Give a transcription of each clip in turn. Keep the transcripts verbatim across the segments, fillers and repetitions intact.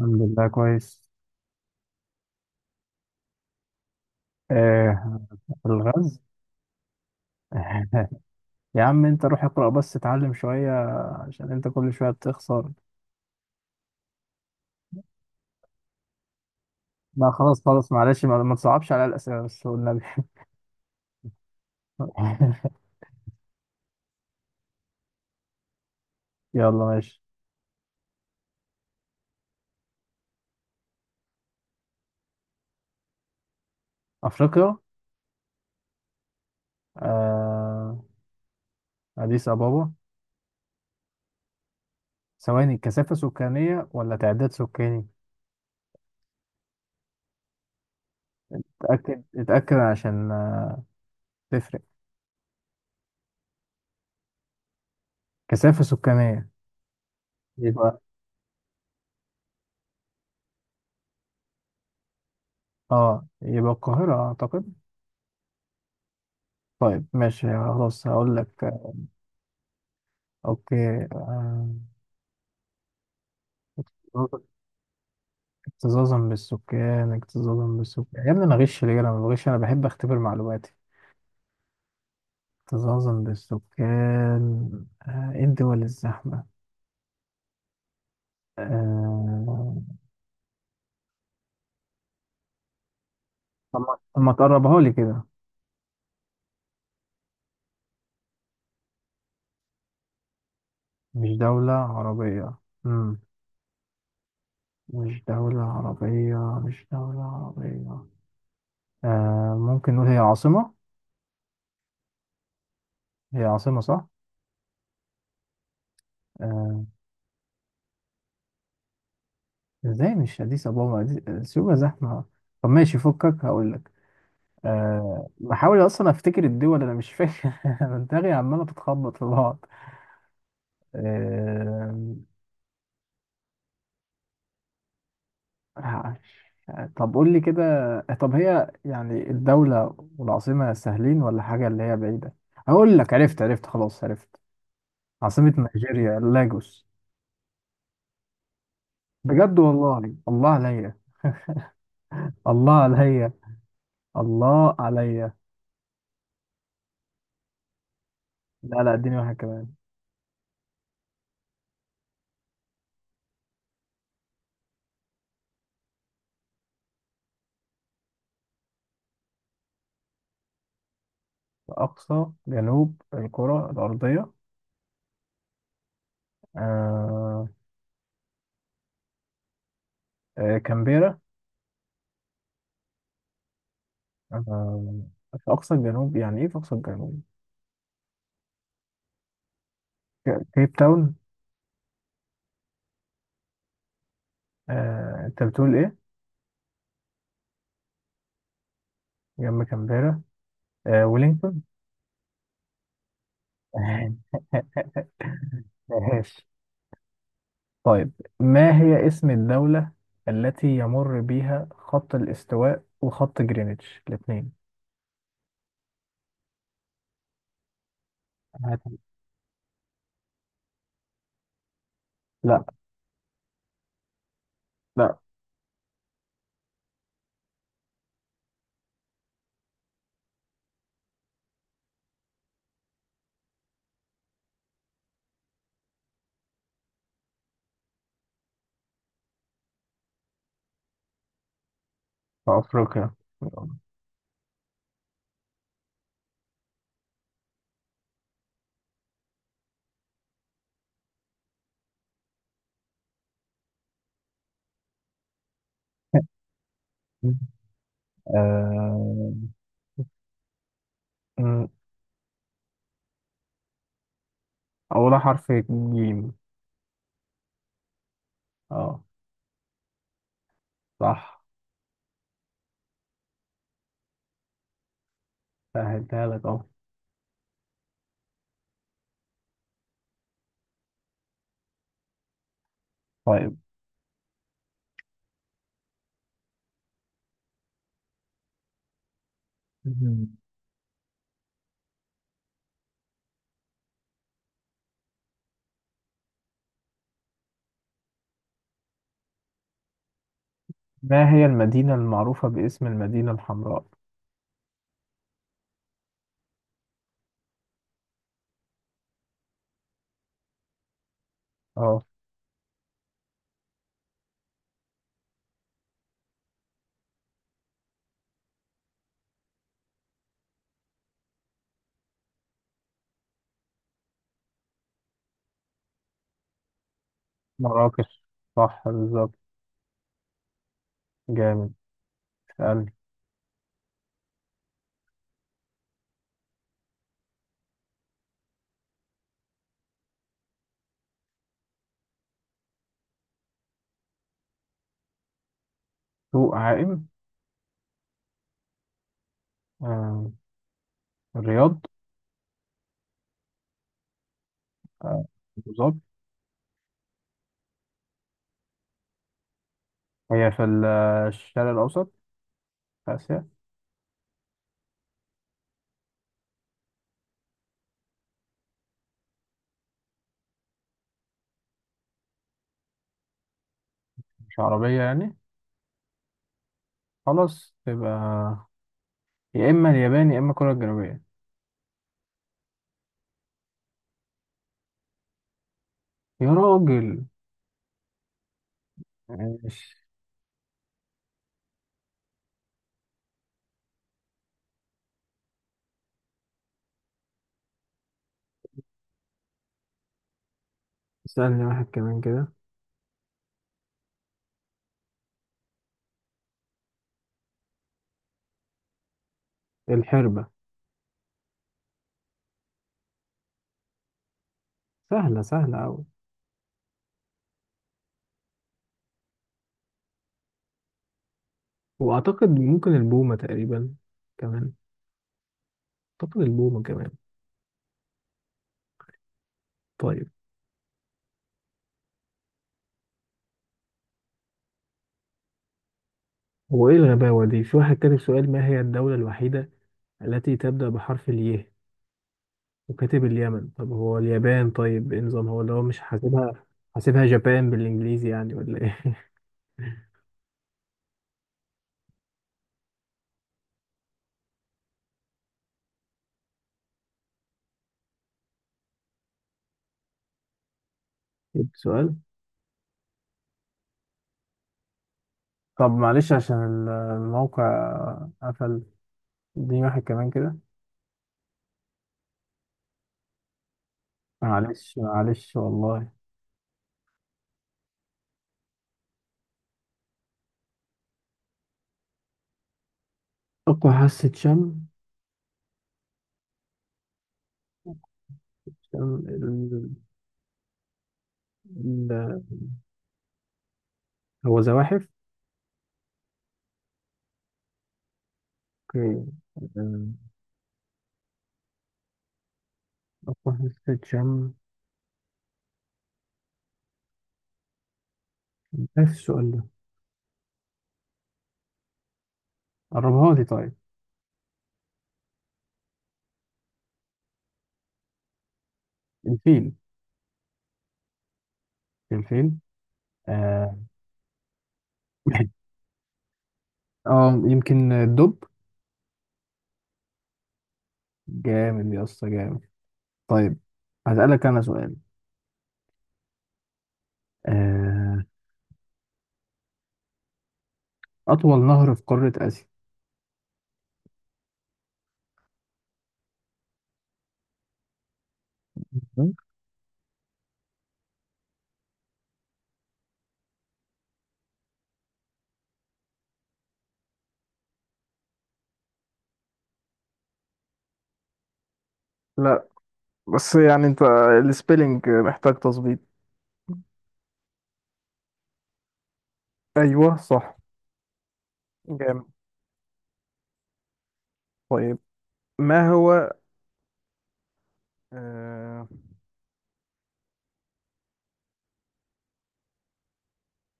الحمد لله كويس. آه في الغاز. يا عم انت روح اقرأ بس اتعلم شوية، عشان انت كل شوية بتخسر. لا خلاص خلاص، معلش ما, ما تصعبش على الأسئلة بس، والنبي. يلا ماشي. أفريقيا. آه أديس أبابا. ثواني، كثافة سكانية ولا تعداد سكاني؟ اتأكد اتأكد عشان آه، تفرق. كثافة سكانية يبقى. اه يبقى القاهرة أعتقد. طيب ماشي خلاص، هقول لك. آه، أوكي. آه، اكتظاظا بالسكان اكتظاظا بالسكان، يا ابني انا غش ليه؟ انا ما بغش، انا بحب اختبر معلوماتي. اكتظاظا بالسكان. آه، ايه الدول الزحمة؟ آه، طب ما طب ما تقربها لي كده. مش دولة عربية. مم. مش دولة عربية، مش دولة عربية. آه، ممكن نقول هي عاصمة. هي عاصمة، صح؟ آه، ازاي مش أديس أبابا؟ أديس- آه، سيوة زحمة. طب ماشي فكك، هقول لك. أه بحاول اصلا افتكر الدول، انا مش فاكر. أنا دماغي عماله بتخبط في بعض. أه ه- طب قول لي كده. طب هي يعني الدوله والعاصمه سهلين ولا حاجه اللي هي بعيده؟ هقول لك عرفت عرفت، خلاص عرفت. عاصمه نيجيريا، لاجوس. بجد والله. الله عليا، الله عليا، الله عليا. لا لا، اديني واحد كمان. اقصى جنوب الكره الارضيه. أه. آه، كامبيرا. آه، في أقصى الجنوب، يعني إيه في أقصى الجنوب؟ ك- كيب تاون. آه، أنت بتقول إيه؟ جنب كامبيرا. آه، ولينغتون. ماشي. طيب، ما هي اسم الدولة التي يمر بها خط الاستواء وخط جرينتش الاثنين؟ لا لا. في أفريقيا. آه، م، أولها حرف جيم. اه صح. سهلتها لك اهو. طيب، ما هي المدينة المعروفة باسم المدينة الحمراء؟ اه. مراكش. صح بالظبط. جامد. سألني. سوق عائم. آه. الرياض. آه، أبو ظبي. هي في ال- الشرق الأوسط، في آسيا. مش عربية يعني؟ خلاص، تبقى يا إما اليابان يا إما كوريا الجنوبية. يا راجل. ماشي. اسألني واحد كمان كده. الحربة. سهلة سهلة أوي. وأعتقد ممكن البومة تقريبا كمان. أعتقد البومة كمان. طيب، هو ايه الغباوة دي؟ في واحد كاتب سؤال: ما هي الدولة الوحيدة التي تبدأ بحرف الياء؟ وكاتب اليمن. طب هو اليابان؟ طيب ايه نظام هو اللي هو مش حاسبها؟ حاسبها جابان بالانجليزي يعني ولا ايه؟ جبت سؤال. طب معلش، عشان ال- الموقع قفل. اديني واحد كمان كده. معلش معلش والله. أقوى حاسة شم. شم ال... ال... هو زواحف. اوكي. آه، أقوى حاسة شم. إيه السؤال ده؟ قربها لي طيب. الفيل. الفيل. آه، اه يمكن الدب. جامد يا اسطى، جامد. طيب، هسألك انا سؤال. آه، اطول نهر في قارة اسيا. لا بس يعني انت السبيلنج محتاج تظبيط. ايوه صح. جامد. طيب، ما هو آه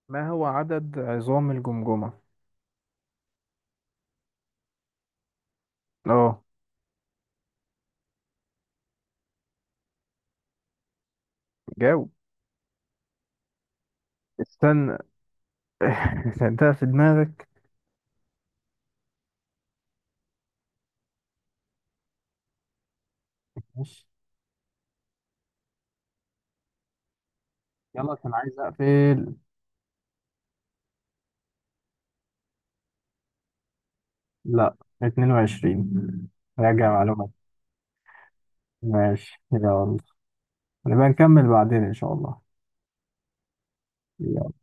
ما هو عدد عظام الجمجمة؟ اه جاوب. استنى. ده في دماغك. ماشي يلا، كان عايز اقفل. لا، اتنين وعشرين، راجع معلومات. ماشي يلا، هنبقى نكمل بعدين إن شاء الله. يلا.